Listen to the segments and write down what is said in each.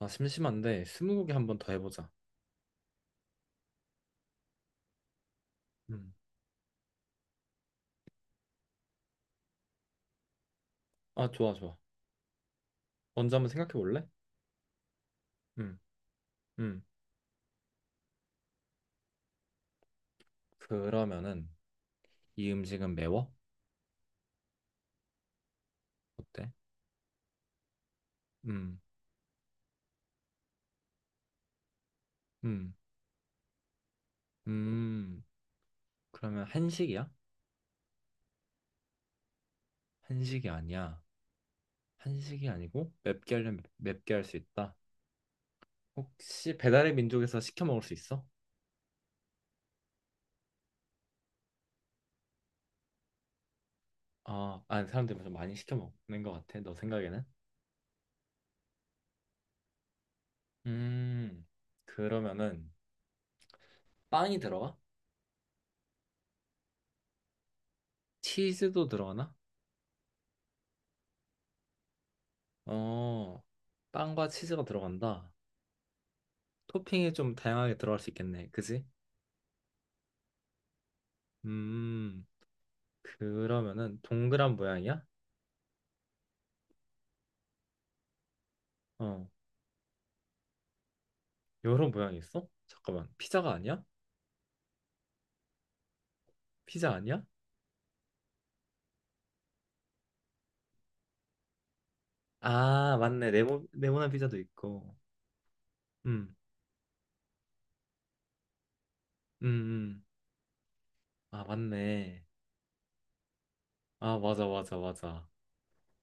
아, 심심한데 스무고개 한 번 더 해보자. 음. 아, 좋아. 먼저 한번 생각해 볼래? 음, 음. 그러면은 이 음식은 매워? 어때? 음, 음, 음. 그러면 한식이야? 한식이 아니야. 한식이 아니고 맵게 하려면 맵게 할 수 있다. 혹시 배달의 민족에서 시켜 먹을 수 있어? 사람들이 좀 많이 시켜 먹는 것 같아. 너 생각에는? 음, 그러면은 빵이 들어가? 치즈도 들어가나? 어, 빵과 치즈가 들어간다. 토핑이 좀 다양하게 들어갈 수 있겠네. 그지? 음, 그러면은 동그란 모양이야? 어, 여러 모양이 있어? 잠깐만, 피자가 아니야? 피자 아니야? 아, 맞네. 네모난 피자도 있고. 음, 음. 아, 맞네. 아, 맞아.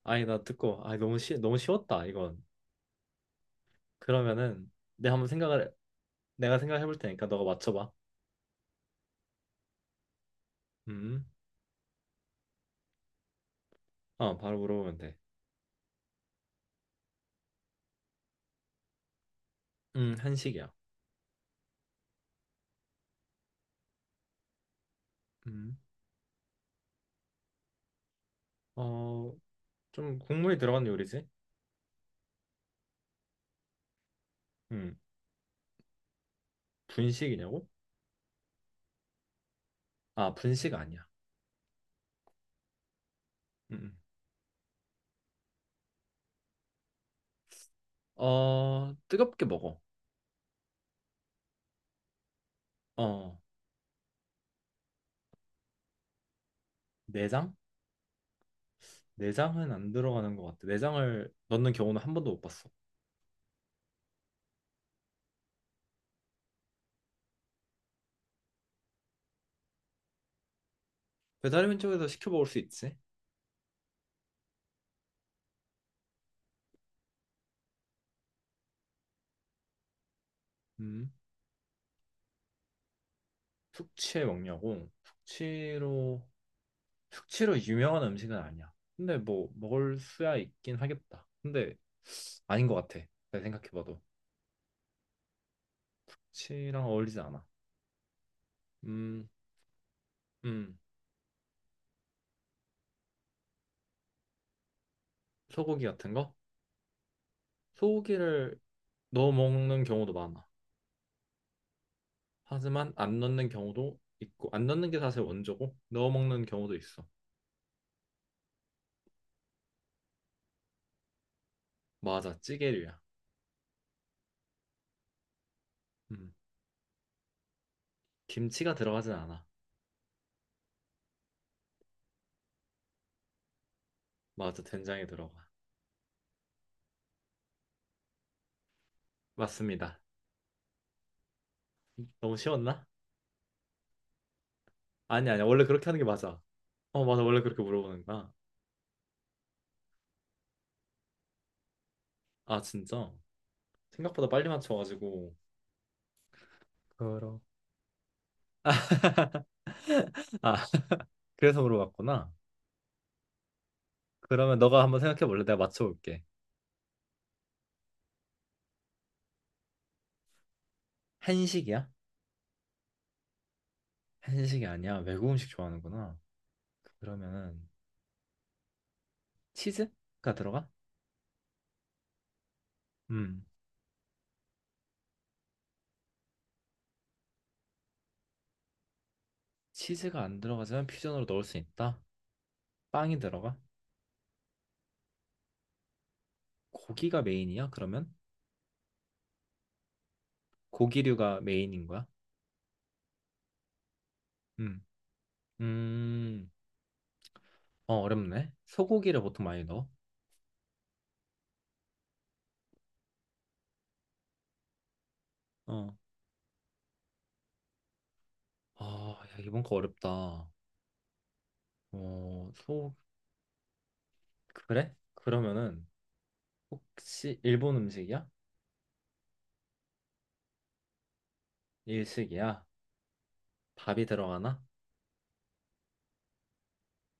아니, 나 듣고, 아, 너무 쉬웠다, 이건. 그러면은, 내가 한번 생각을, 내가 생각해 볼 테니까 너가 맞춰봐. 음, 어, 바로 물어보면 돼. 한식이야. 음. 어, 좀 국물이 들어간 요리지? 음, 분식이냐고? 아, 분식 아니야. 음. 어, 뜨겁게 먹어. 어, 내장? 내장은 안 들어가는 것 같아. 내장을 넣는 경우는 한 번도 못 봤어. 배달의 민족에서 시켜 먹을 수 있지? 음, 숙취에 먹냐고? 숙취로, 숙취로 유명한 음식은 아니야. 근데 뭐, 먹을 수야 있긴 하겠다. 근데 아닌 것 같아. 내가 생각해봐도. 숙취랑 어울리지 않아. 음, 음, 소고기 같은 거? 소고기를 넣어 먹는 경우도 많아. 하지만 안 넣는 경우도 있고 안 넣는 게 사실 원조고 넣어 먹는 경우도 있어. 맞아, 찌개류야. 음, 김치가 들어가진 않아. 맞아, 된장이 들어가. 맞습니다. 너무 쉬웠나? 아니 아니야. 원래 그렇게 하는 게 맞아. 어 맞아, 원래 그렇게 물어보는 거야. 아 진짜? 생각보다 빨리 맞춰가지고. 그러. 아 그래서 물어봤구나. 그러면 너가 한번 생각해 볼래? 내가 맞춰볼게. 한식이야? 한식이 아니야. 외국 음식 좋아하는구나. 그러면은 치즈가 들어가? 음. 치즈가 안 들어가지만 퓨전으로 넣을 수 있다. 빵이 들어가? 고기가 메인이야? 그러면 고기류가 메인인 거야? 음, 음, 어 어렵네. 소고기를 보통 많이 넣어. 어, 아, 야, 이번 거 어렵다. 어, 소 그래? 그러면은 혹시 일본 음식이야? 일식이야? 밥이 들어가나?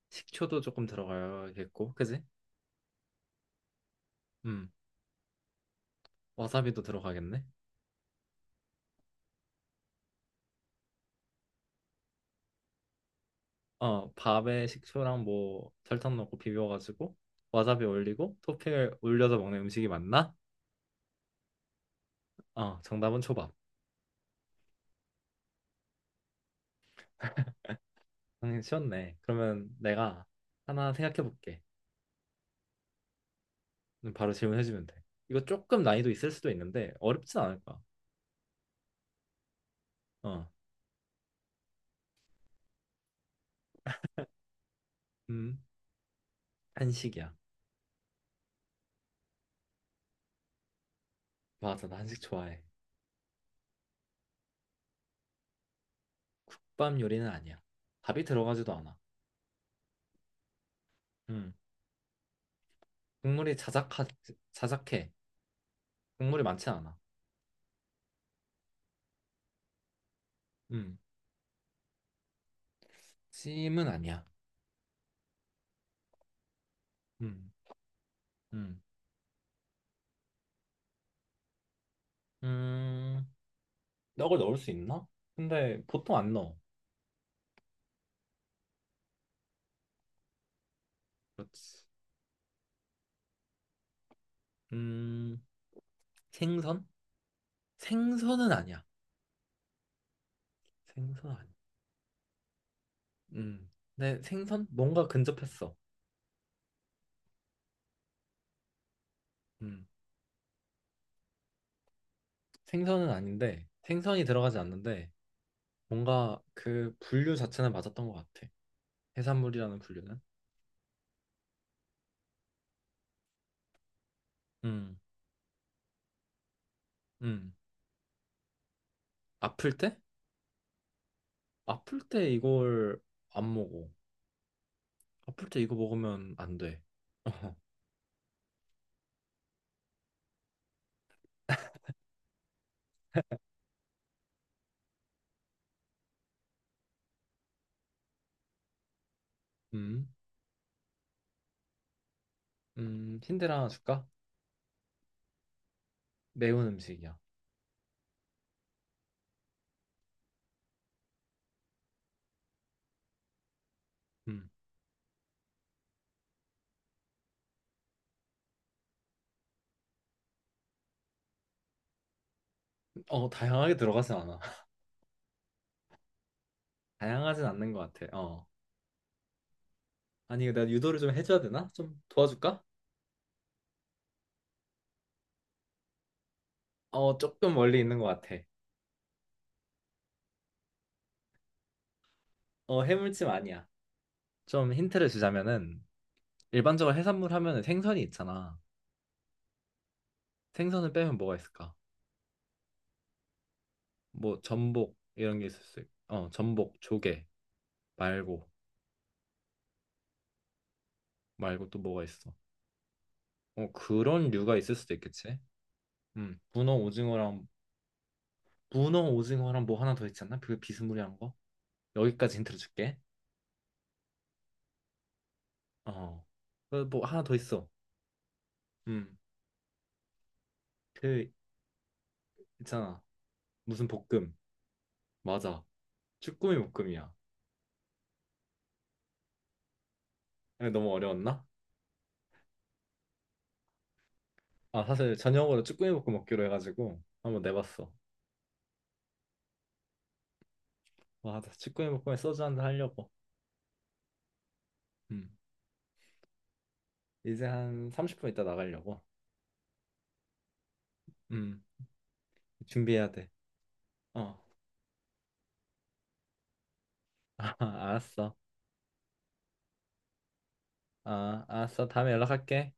식초도 조금 들어가겠고, 그지? 음, 와사비도 들어가겠네. 어, 밥에 식초랑 뭐 설탕 넣고 비벼가지고 와사비 올리고 토핑을 올려서 먹는 음식이 맞나? 어, 정답은 초밥. 당연히 쉬웠네. 그러면 내가 하나 생각해 볼게. 바로 질문해 주면 돼. 이거 조금 난이도 있을 수도 있는데 어렵진 않을 거야. 어, 음, 한식이야. 맞아, 나 한식 좋아해. 국밥 요리는 아니야. 밥이 들어가지도 않아. 음, 국물이 자작하, 자작해. 국물이 많지 않아. 음, 찜은 아니야. 음, 음, 음. 떡을 넣을 수 있나? 근데 보통 안 넣어. 그렇지. 음, 생선? 생선은 아니야. 생선 아니야. 음, 근데 생선? 뭔가 근접했어. 음, 생선은 아닌데 생선이 들어가지 않는데 뭔가 그 분류 자체는 맞았던 것 같아. 해산물이라는 분류는. 음, 음. 아플 때? 아플 때 이걸 안 먹어. 아플 때 이거 먹으면 안 돼. 음, 음. 힌트 하나 줄까? 매운 음식이야. 음. 어, 다양하게 들어가진 않아. 다양하진 않는 것 같아. 어. 아니, 내가 유도를 좀 해줘야 되나? 좀 도와줄까? 어, 조금 멀리 있는 것 같아. 어, 해물찜 아니야. 좀 힌트를 주자면은, 일반적으로 해산물 하면은 생선이 있잖아. 생선을 빼면 뭐가 있을까? 뭐, 전복, 이런 게 있을 수 있고. 어, 전복, 조개, 말고, 말고 또 뭐가 있어? 어, 그런 류가 있을 수도 있겠지? 문어 오징어랑, 문어 오징어랑 뭐 하나 더 있지 않나? 그 비스무리한 거? 여기까지 힌트를 줄게. 어, 그뭐 하나 더 있어. 음, 그 있잖아. 무슨 볶음. 맞아. 쭈꾸미 볶음이야. 근데 너무 어려웠나? 아, 사실 저녁으로 쭈꾸미 볶음 먹기로 해가지고 한번 내봤어. 맞아. 쭈꾸미 볶음에 소주 한잔 하려고. 음. 이제 한 30분 있다 나가려고. 음. 준비해야 돼. 어. 아, 알았어. 아, 알았어. 다음에 연락할게.